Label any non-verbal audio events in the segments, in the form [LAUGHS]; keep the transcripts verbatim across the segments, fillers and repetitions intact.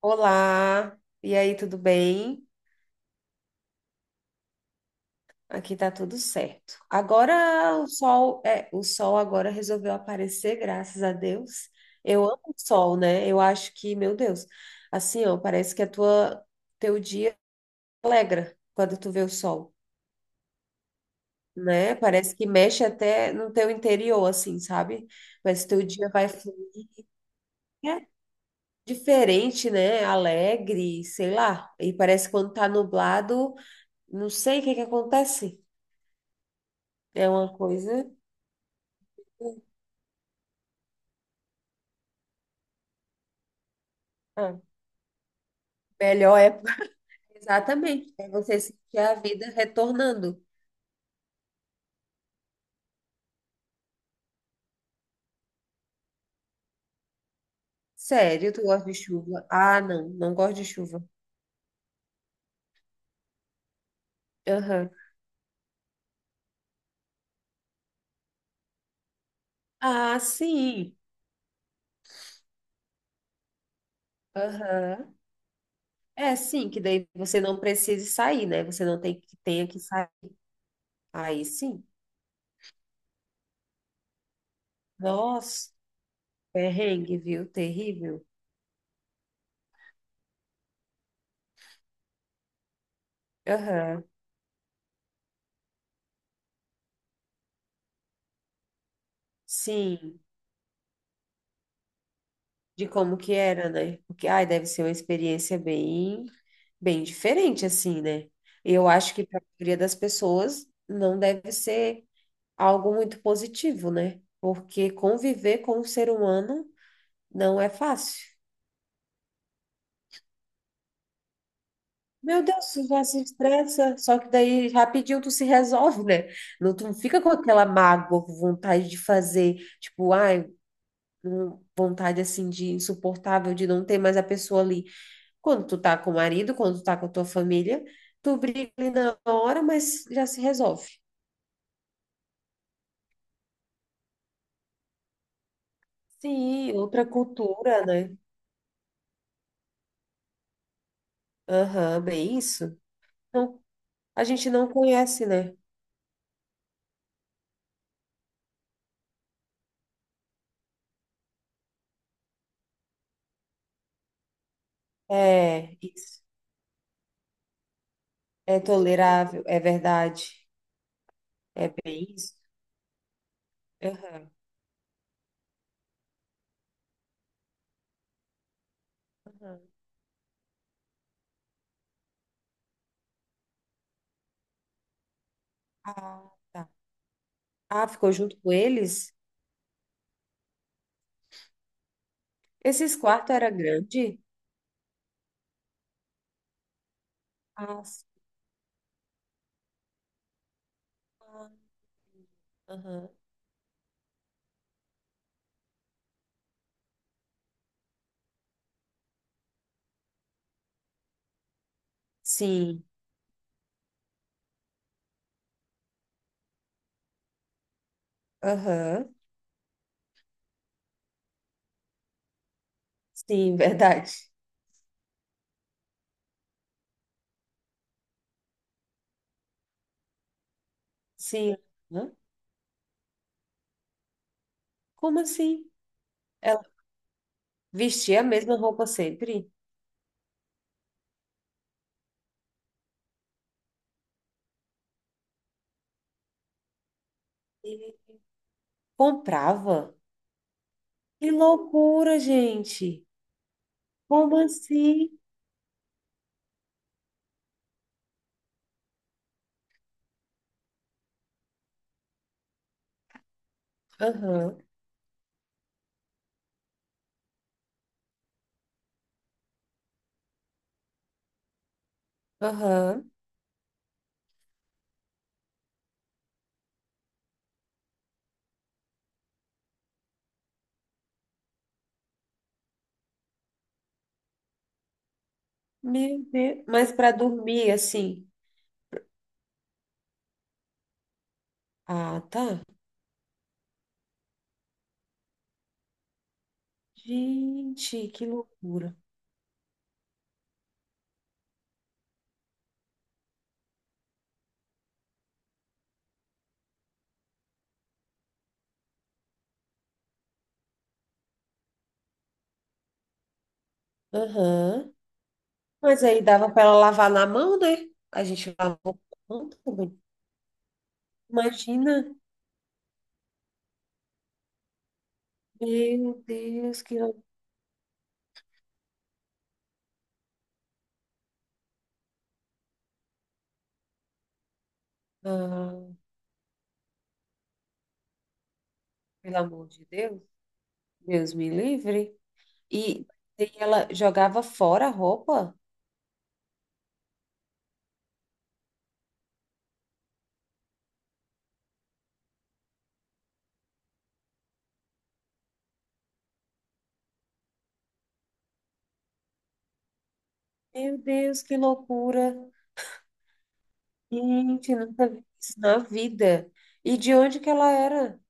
Olá, e aí, tudo bem? Aqui tá tudo certo. Agora o sol, é, o sol agora resolveu aparecer, graças a Deus. Eu amo o sol, né? Eu acho que, meu Deus, assim, ó, parece que a tua teu dia alegra quando tu vê o sol, né? Parece que mexe até no teu interior, assim, sabe? Parece Mas teu dia vai fluir, é diferente, né? Alegre, sei lá. E parece que quando tá nublado, não sei o que que acontece. É uma coisa. Ah, melhor é Exatamente. É você sentir a vida retornando. Sério, tu gosta de chuva? Ah, não, não gosto de chuva. Aham. Ah, sim. Aham. É, sim, que daí você não precise sair, né? Você não tem que tenha que sair. Aí sim. Nossa, perrengue, viu? Terrível. Aham. Sim. de como que era, né? Porque, ai, deve ser uma experiência bem, bem diferente, assim, né? Eu acho que para a maioria das pessoas não deve ser algo muito positivo, né? Porque conviver com um ser humano não é fácil. Meu Deus, tu já se estressa, só que daí rapidinho tu se resolve, né? Não, tu não fica com aquela mágoa, com vontade de fazer, tipo, ai, um- vontade assim de insuportável de não ter mais a pessoa ali. Quando tu tá com o marido, quando tu tá com a tua família, tu briga ali na hora, mas já se resolve. Sim, outra cultura, né? Aham, bem isso. Não, a gente não conhece, né? É isso. É tolerável, é verdade. É bem isso. Aham, aham. Ah, tá. Ah, ficou junto com eles? Esses quartos era grande? Ah, sim. Ah, aham. Sim. Aham. Sim, [LAUGHS] verdade. Sim. Hã? Como assim? É, vestia a mesma roupa sempre? E comprava? Que loucura, gente! Como assim? Aham, aham. Meu Deus. Mas para dormir, assim. Ah, tá. Gente, que loucura. Aham. Mas aí dava para ela lavar na mão, né? A gente lavou na mão também. Imagina. Meu Deus, que loucura. Ah, pelo amor de Deus. Deus me livre. E, e ela jogava fora a roupa? Meu Deus, que loucura. Gente, nunca vi isso na vida. E de onde que ela era?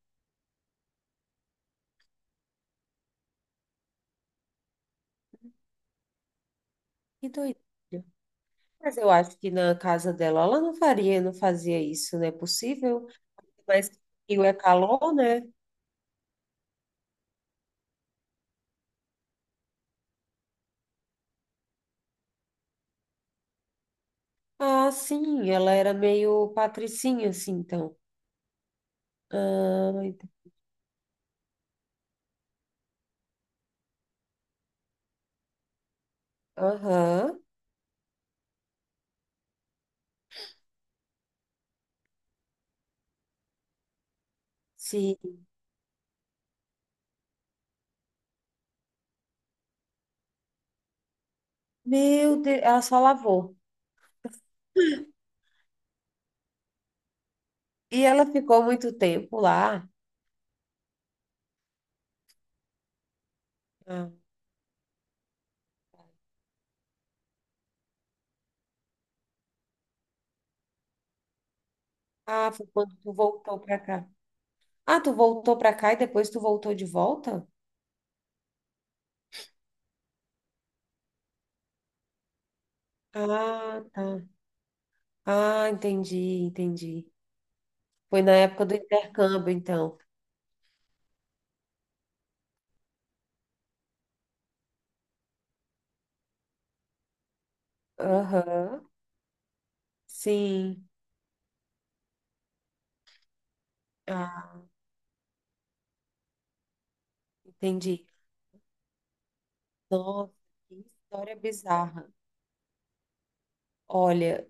Que doido. Mas eu acho que na casa dela ela não faria, não fazia isso, não é possível. Mas Rio é calor, né? Ah, sim, ela era meio patricinha, assim, então. Ah, ent- Aham, sim. Meu Deus, ela só lavou. E ela ficou muito tempo lá. Ah, ah, foi quando tu voltou pra cá. Ah, tu voltou pra cá e depois tu voltou de volta? Ah, tá. Ah, entendi, entendi. Foi na época do intercâmbio, então. Aham, sim. Ah, entendi. Nossa, que história bizarra. Olha,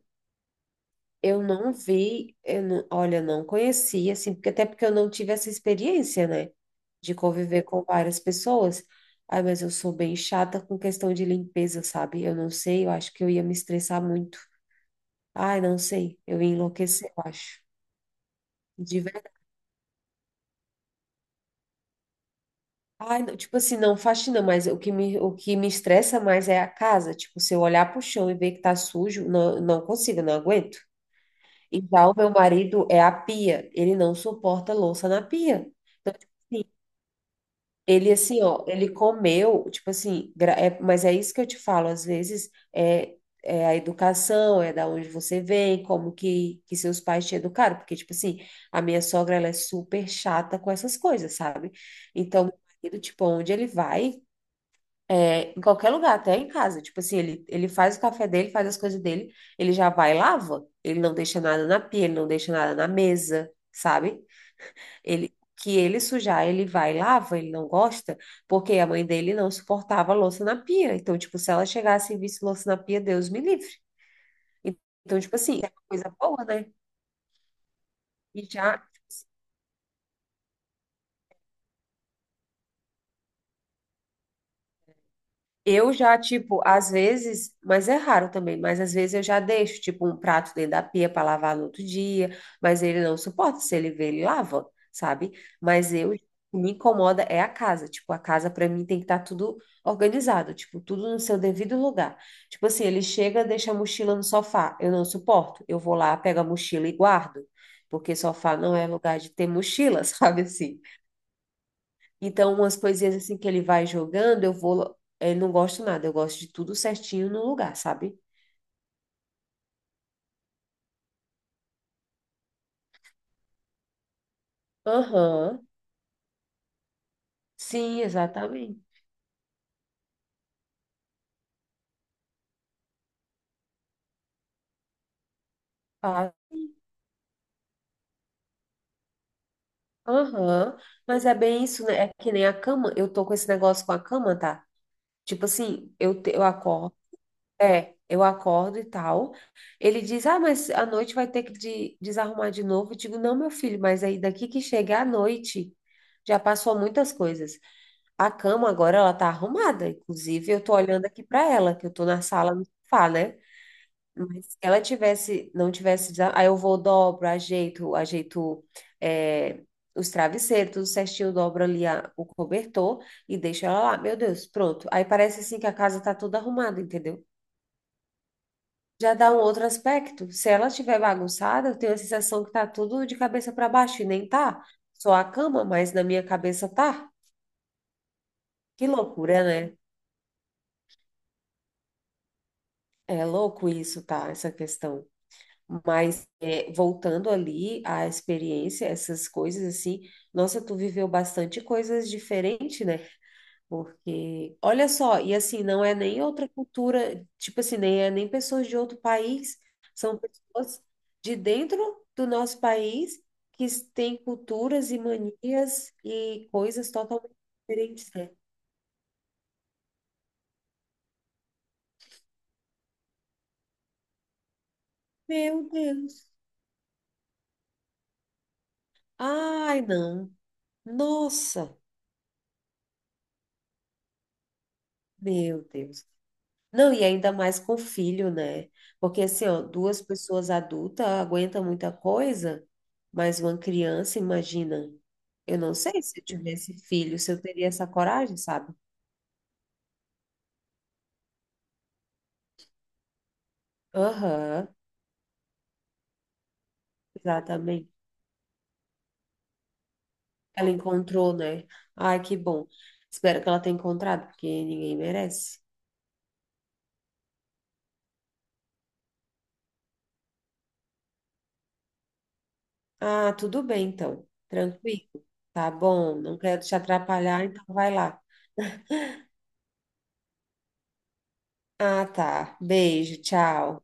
eu não vi, eu não, olha, não conheci, assim, porque até porque eu não tive essa experiência, né? De conviver com várias pessoas. Ai, mas eu sou bem chata com questão de limpeza, sabe? Eu não sei, eu acho que eu ia me estressar muito. Ai, não sei, eu ia enlouquecer, eu acho. Ai, não, tipo assim, não faxina, mas o que me, o que me estressa mais é a casa. Tipo, se eu olhar pro chão e ver que tá sujo, não, não consigo, não aguento. Então, meu marido é a pia. Ele não suporta louça na pia. Então, ele, assim, ó, ele comeu, tipo assim, gra- é- mas é isso que eu te falo, às vezes é, é a educação, é da onde você vem, como que, que seus pais te educaram. Porque, tipo assim, a minha sogra, ela é super chata com essas coisas, sabe? Então, meu marido, tipo, onde ele vai. É, em qualquer lugar, até em casa. Tipo assim, ele, ele faz o café dele, faz as coisas dele, ele já vai e lava. Ele não deixa nada na pia, ele não deixa nada na mesa, sabe? Ele, que ele sujar, ele vai e lava, ele não gosta, porque a mãe dele não suportava louça na pia. Então, tipo, se ela chegasse e visse louça na pia, Deus me livre. Então, tipo assim, é uma coisa boa, né? E já Eu já, tipo, às vezes, mas é raro também, mas às vezes eu já deixo, tipo, um prato dentro da pia para lavar no outro dia, mas ele não suporta, se ele vê, ele lava, sabe? Mas eu, o que me incomoda é a casa, tipo, a casa para mim tem que estar tudo organizado, tipo, tudo no seu devido lugar. Tipo assim, ele chega, deixa a mochila no sofá, eu não suporto, eu vou lá, pego a mochila e guardo, porque sofá não é lugar de ter mochila, [LAUGHS] sabe assim? Então, umas coisinhas assim que ele vai jogando, eu vou. Ele não gosto nada, eu gosto de tudo certinho no lugar, sabe? Aham. Sim, exatamente. Ah, aham. Mas é bem isso, né? É que nem a cama. Eu tô com esse negócio com a cama, tá? Tipo assim, eu, te- eu acordo. É, eu acordo e tal. Ele diz, ah, mas à noite vai ter que de- desarrumar de novo. Eu digo, não, meu filho, mas aí daqui que chega à noite, já passou muitas coisas. A cama agora ela tá arrumada, inclusive eu tô olhando aqui para ela, que eu tô na sala no sofá, né? Mas se ela tivesse, não tivesse, desa- aí eu vou dobro, ajeito, ajeito é, os travesseiros, tudo certinho, dobro ali a- o cobertor e deixo ela lá. Meu Deus, pronto. Aí parece assim que a casa tá toda arrumada, entendeu? Já dá um outro aspecto. Se ela estiver bagunçada, eu tenho a sensação que tá tudo de cabeça para baixo e nem tá. Só a cama, mas na minha cabeça tá. Que loucura, né? É louco isso, tá? Essa questão. Mas é, voltando ali à experiência, essas coisas assim, nossa, tu viveu bastante coisas diferentes, né? Porque, olha só, e assim, não é nem outra cultura, tipo assim, nem é nem pessoas de outro país, são pessoas de dentro do nosso país que têm culturas e manias e coisas totalmente diferentes, né? Meu Deus. Ai, não. Nossa, meu Deus. Não, e ainda mais com filho, né? Porque assim, ó, duas pessoas adultas aguentam muita coisa, mas uma criança, imagina. Eu não sei se eu tivesse filho, se eu teria essa coragem, sabe? Aham, exatamente. Ela encontrou, né? Ai, que bom. Espero que ela tenha encontrado, porque ninguém merece. Ah, tudo bem, então. Tranquilo. Tá bom, não quero te atrapalhar, então vai lá. Ah, tá. Beijo, tchau.